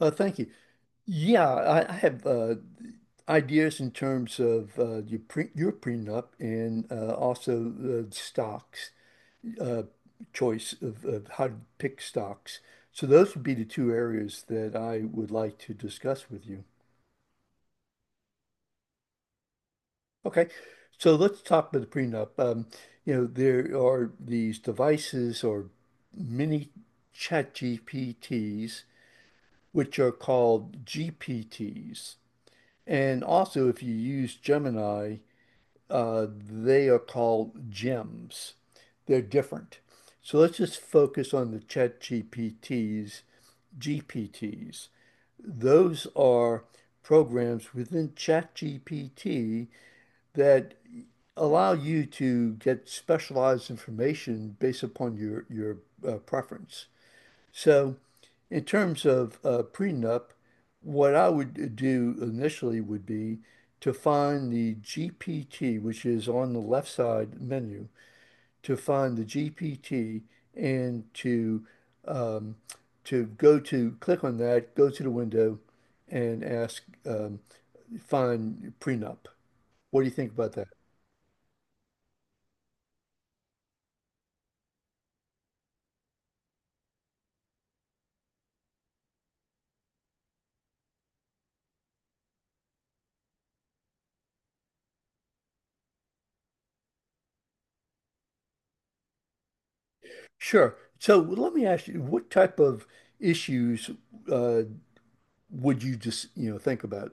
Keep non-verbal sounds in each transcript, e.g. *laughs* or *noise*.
Thank you. Yeah, I have ideas in terms of your prenup and also the stocks uh, choice of how to pick stocks. So those would be the two areas that I would like to discuss with you. Okay, so let's talk about the prenup. You know, there are these devices or mini chat GPTs, which are called GPTs. And also, if you use Gemini, they are called gems. They're different. So let's just focus on the GPTs. Those are programs within ChatGPT that allow you to get specialized information based upon your preference. So, in terms of prenup, what I would do initially would be to find the GPT, which is on the left side menu, to find the GPT and um, to go to click on that, go to the window, and ask find prenup. What do you think about that? Sure. So let me ask you, what type of issues uh, would you just, you know, think about?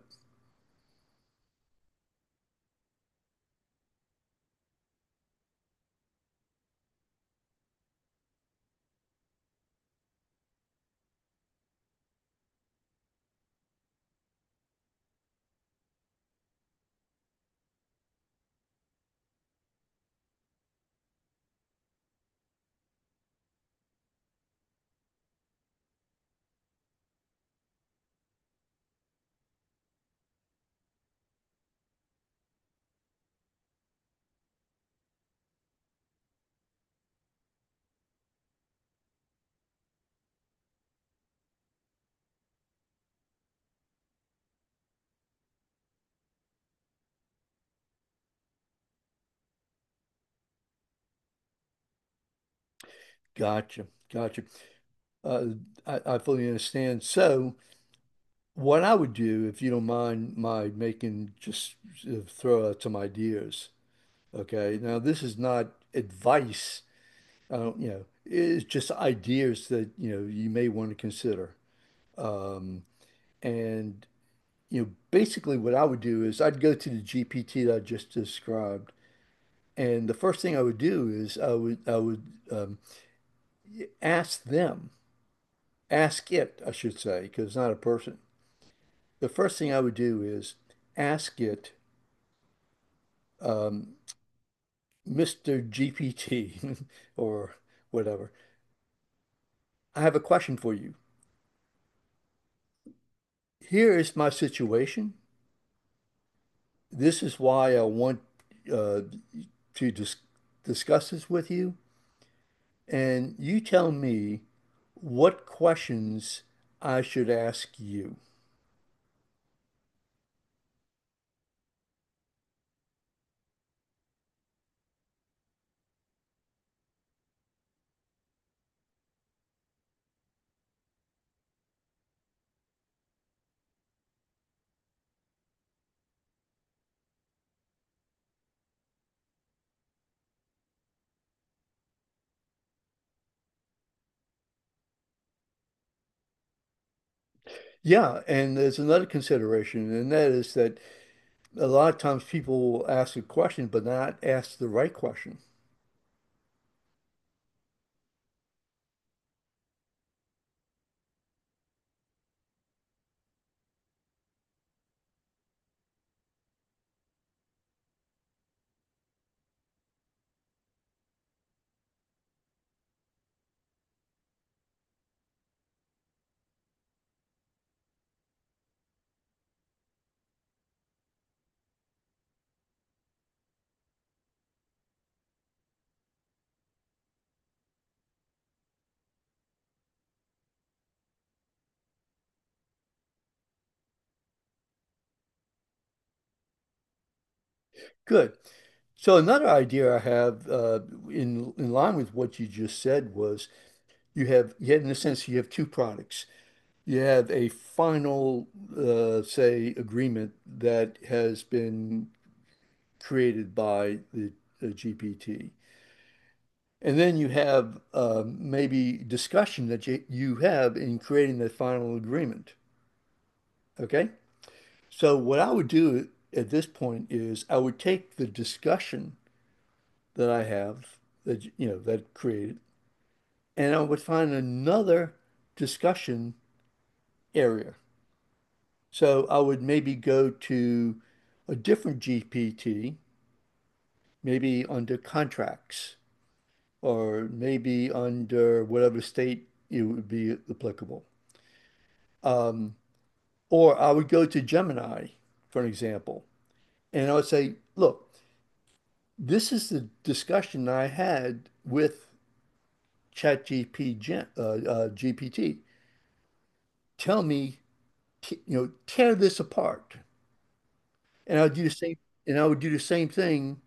Gotcha. Gotcha. Uh, I fully understand. So, what I would do, if you don't mind my making just throw out some ideas. Okay. Now, this is not advice. I don't, you know, it's just ideas that, you know, you may want to consider. Um, and, you know, basically what I would do is I'd go to the GPT that I just described. And the first thing I would do is I would um, ask them, ask it, I should say, because it's not a person. The first thing I would do is ask it, um, Mr. GPT *laughs* or whatever. I have a question for you. Here is my situation. This is why I want uh, to dis discuss this with you. And you tell me what questions I should ask you. Yeah, and there's another consideration, and that is that a lot of times people will ask a question but not ask the right question. Good. So another idea I have in line with what you just said was you have in a sense you have two products. You have a final say agreement that has been created by the GPT, and then you have maybe discussion that you have in creating the final agreement. Okay. So what I would do at this point is I would take the discussion that I have that you know that created, and I would find another discussion area. So I would maybe go to a different GPT, maybe under contracts or maybe under whatever state it would be applicable. Um, or I would go to Gemini, for an example, and I would say, look, this is the discussion I had with ChatGPT. GPT. Tell me, you know, tear this apart. And I would do the same, and I would do the same thing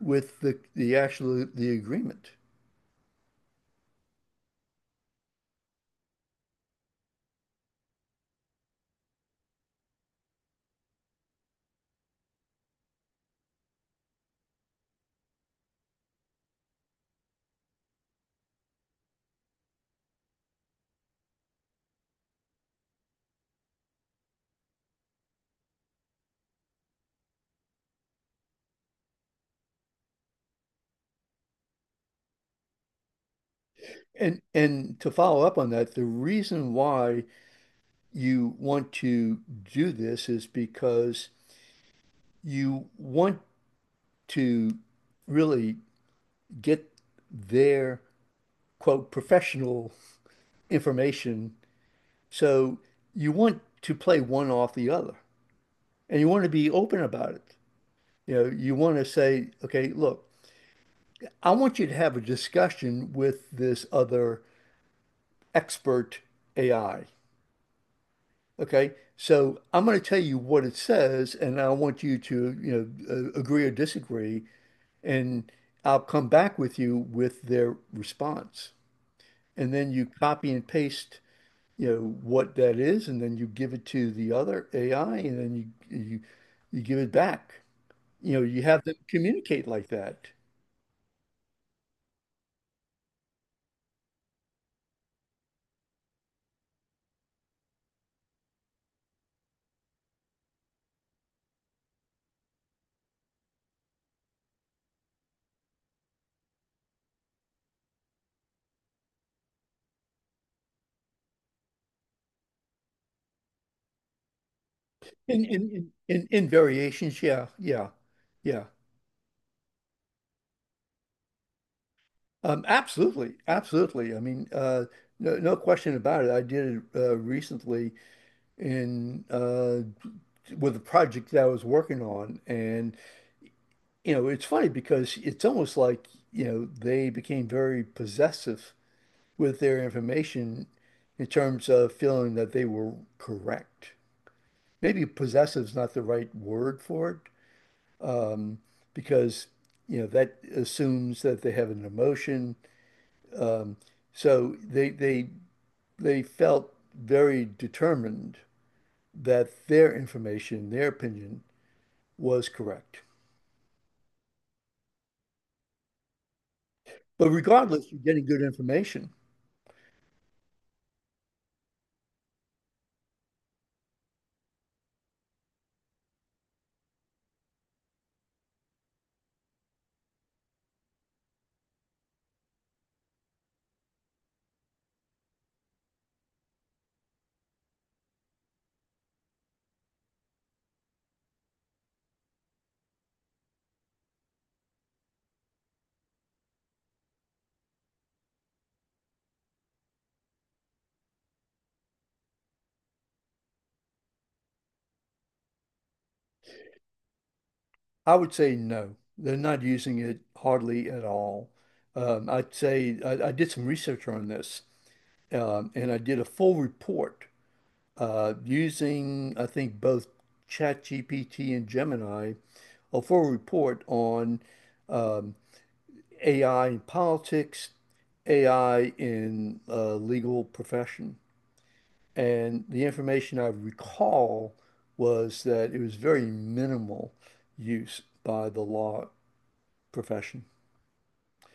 with the actual the agreement. And to follow up on that, the reason why you want to do this is because you want to really get their quote professional information. So you want to play one off the other, and you want to be open about it. You know, you want to say, okay, look, I want you to have a discussion with this other expert AI. Okay. So I'm going to tell you what it says, and I want you to, you know, agree or disagree, and I'll come back with you with their response. And then you copy and paste, you know, what that is, and then you give it to the other AI, and then you give it back. You know, you have them communicate like that. In variations, yeah, yeah, yeah. Absolutely, absolutely. I mean, no, no question about it. I did it recently in with a project that I was working on, and you know, it's funny because it's almost like, you know, they became very possessive with their information in terms of feeling that they were correct. Maybe possessive is not the right word for it, um, because you know that assumes that they have an emotion. Um, So they felt very determined that their information, their opinion was correct. But regardless, you're getting good information. I would say no, they're not using it hardly at all. I'd say I did some research on this, and I did a full report using, I think, both ChatGPT and Gemini, a full report on um, AI in politics, AI in legal profession. And the information I recall was that it was very minimal use by the law profession.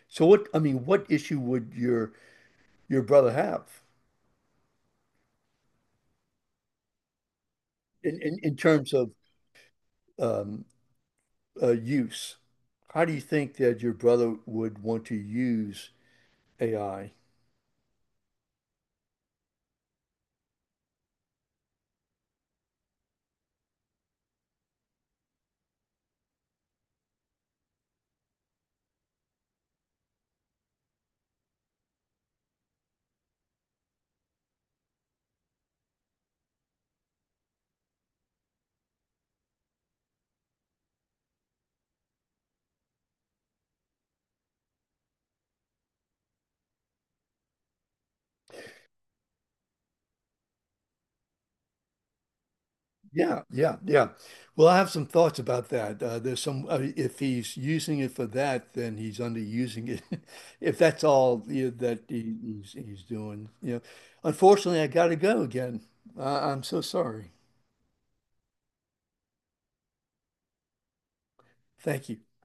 So what, I mean, what issue would your brother have in, in terms of um, use? How do you think that your brother would want to use AI? Yeah, yeah, yeah. Well, I have some thoughts about that. If he's using it for that, then he's underusing it. *laughs* If that's all, you know, that he's doing, you know. Unfortunately, I got to go again. I'm so sorry. Thank you.